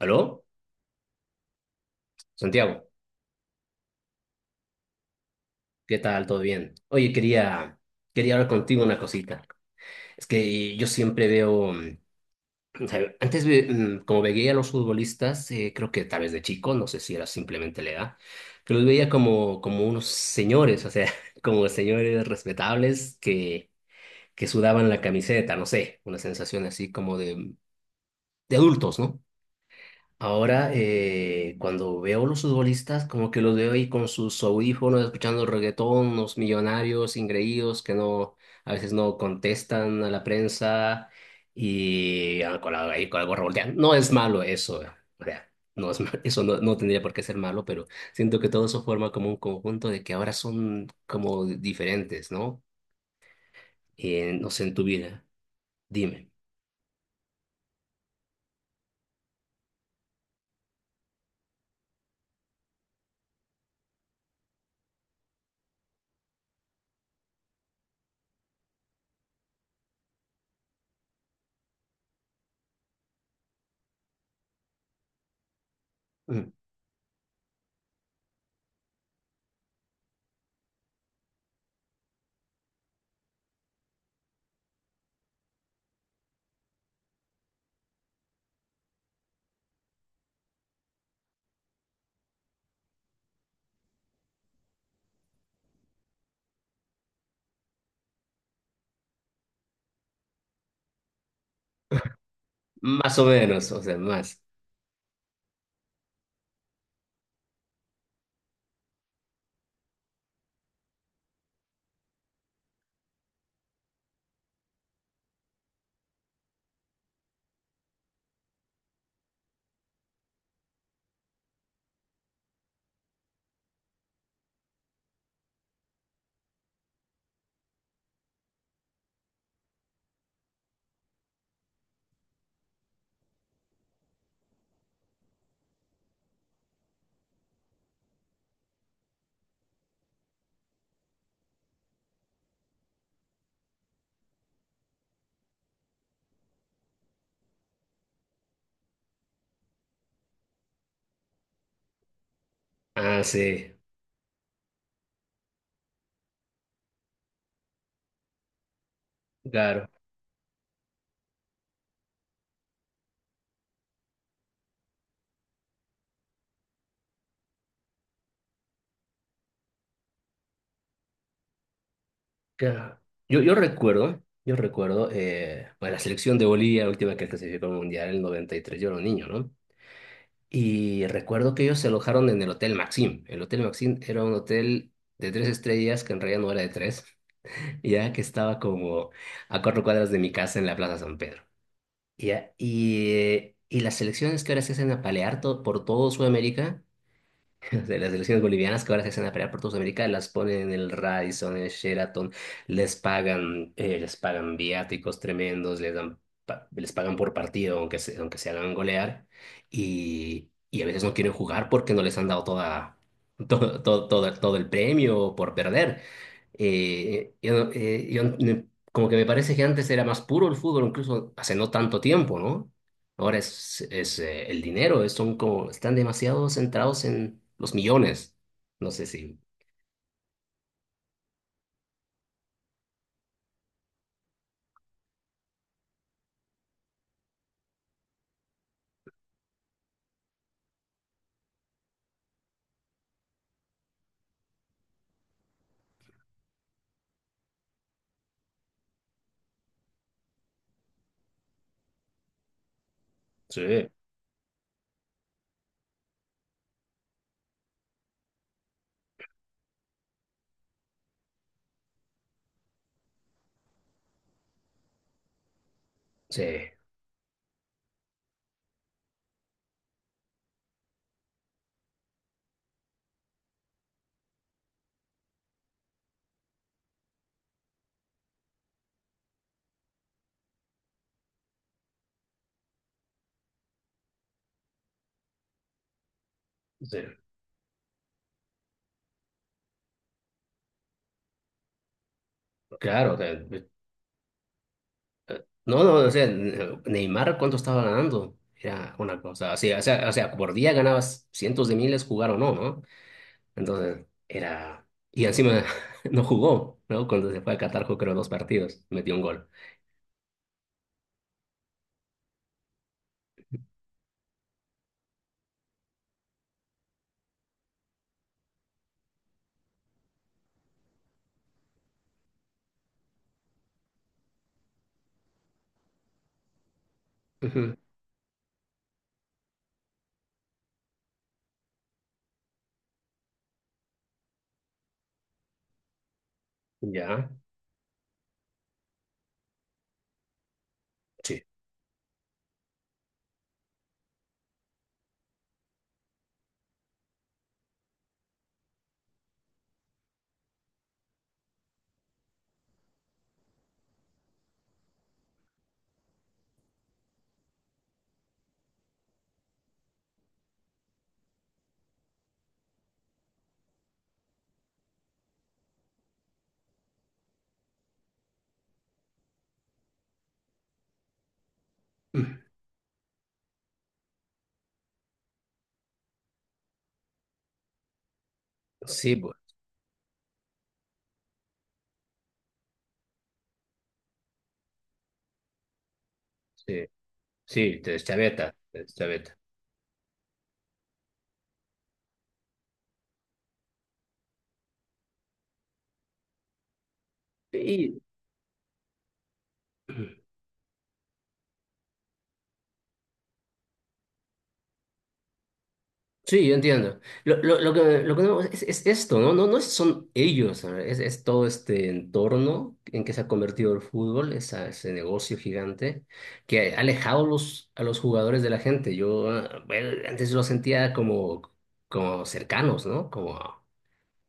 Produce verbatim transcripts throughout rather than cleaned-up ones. ¿Aló? Santiago, ¿qué tal? ¿Todo bien? Oye, quería, quería hablar contigo una cosita. Es que eh, yo siempre veo, mm, o sea, antes ve- mm, como veía a los futbolistas, eh, creo que tal vez de chico, no sé si era simplemente la edad, que los veía como, como unos señores, o sea, como señores respetables que, que sudaban la camiseta, no sé, una sensación así como de, de adultos, ¿no? Ahora, eh, cuando veo los futbolistas, como que los veo ahí con sus audífonos, escuchando reggaetón, unos millonarios ingreídos que no, a veces no contestan a la prensa y ah, con la, ahí con la gorra volteada. No es malo eso, eh, o sea, no es, ma- eso no, no tendría por qué ser malo, pero siento que todo eso forma como un conjunto de que ahora son como diferentes, ¿no? Eh, no sé, en tu vida, dime. Mm. Más o menos, o sea, más. Ah, sí, claro. Claro. Yo, yo recuerdo, yo recuerdo, eh, bueno, la selección de Bolivia, la última que clasificó al Mundial, el noventa y tres yo era un niño, ¿no? Y recuerdo que ellos se alojaron en el Hotel Maxim. El Hotel Maxim era un hotel de tres estrellas, que en realidad no era de tres, ya que estaba como a cuatro cuadras de mi casa en la Plaza San Pedro. Ya, y, eh, y las selecciones que ahora se hacen apalear to- por todo Sudamérica de las selecciones bolivianas que ahora se hacen a pelear por toda Sudamérica, las ponen en el Radisson, en el Sheraton, les pagan, eh, les pagan viáticos tremendos, les dan, pa- les pagan por partido, aunque se, aunque se hagan golear, y, y a veces no quieren jugar porque no les han dado toda, todo, todo, todo, todo el premio por perder. Eh, yo, no- eh, yo no- Como que me parece que antes era más puro el fútbol, incluso hace no tanto tiempo, ¿no? Ahora es, es eh, el dinero, es- son como, están demasiado centrados en los millones. No sé si, Sí, sí, sí, claro, o sea, no, no, o sea, Neymar, ¿cuánto estaba ganando? Era una cosa, así, o sea, o sea, por día ganabas cientos de miles, jugar o no, ¿no? Entonces, era, y encima no jugó, ¿no? Cuando se fue a Qatar, jugó creo dos partidos, metió un gol. Ujú. Ya, sí, sí, bu- sí, sí, te- chaveta, te- chaveta. Sí. Sí, yo entiendo. Lo, lo, lo que, lo que no- es, es esto, ¿no? No, no es- son ellos, ¿no? Es, es todo este entorno en que se ha convertido el fútbol, esa, ese negocio gigante que ha alejado los, a los jugadores de la gente. Yo, ah, bueno, antes lo sentía como, como cercanos, ¿no? Como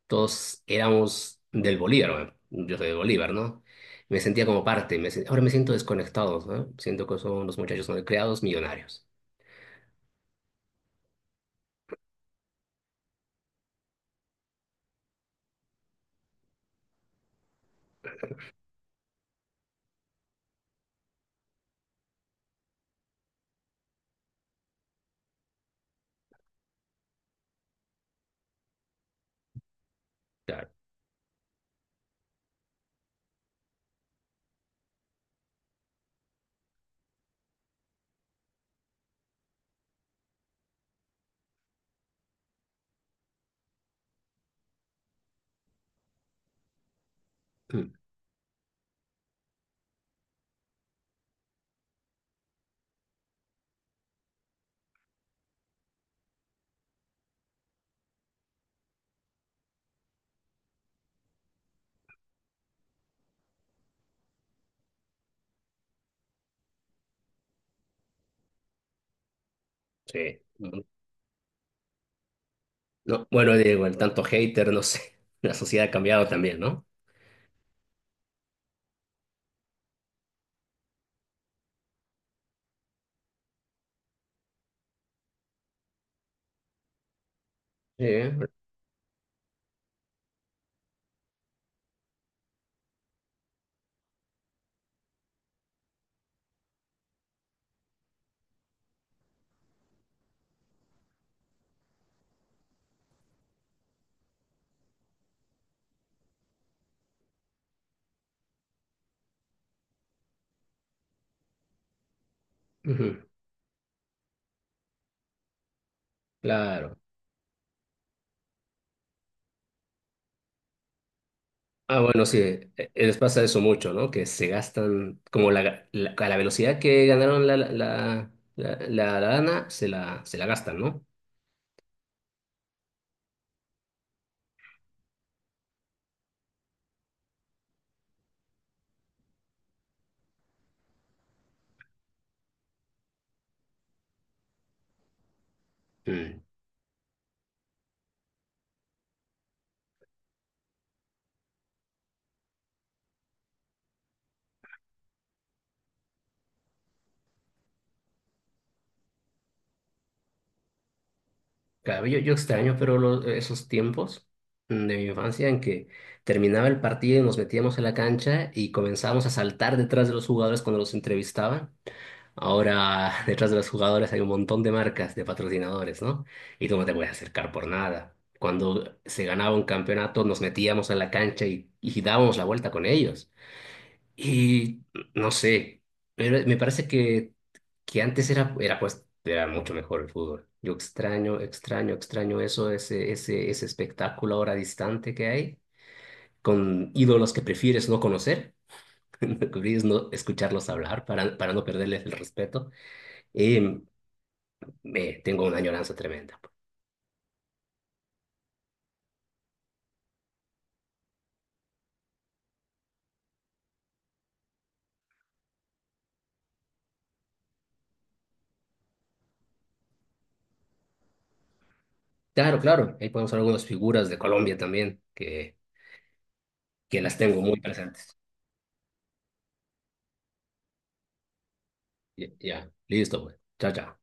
todos éramos del Bolívar, bueno, yo soy de Bolívar, ¿no? Me sentía como parte, me sen- ahora me siento desconectado, ¿no? Siento que son los muchachos no criados millonarios. Claro. Mm. Sí. No, bueno, digo, el tanto hater, no sé. La sociedad ha cambiado también, ¿no? Sí, ¿eh? Ujú, claro. Ah, bueno, sí, eh, les pasa eso mucho, ¿no? Que se gastan, como la, la- a la velocidad que ganaron la, la, la, la- la lana, se la, se la gastan, ¿no? Mm. Claro, yo, yo extraño, pero lo- esos tiempos mm, de mi infancia en que terminaba el partido y nos metíamos a la cancha y comenzábamos a saltar detrás de los jugadores cuando los entrevistaban. Ahora, detrás de los jugadores hay un montón de marcas, de patrocinadores, ¿no? Y tú no te puedes acercar por nada. Cuando se ganaba un campeonato, nos metíamos a la cancha y, y dábamos la vuelta con ellos. Y no sé, pero me parece que, que antes era, era, pues, era mucho mejor el fútbol. Yo extraño, extraño, extraño eso, ese, ese, ese espectáculo ahora distante que hay, con ídolos que prefieres no conocer, prefieres no escucharlos hablar para, para no perderles el respeto. Em, eh, tengo una añoranza tremenda. Claro, claro, ahí podemos ver algunas figuras de Colombia también, que, que las tengo muy presentes. Ya, ya, listo, pues. Chao, chao.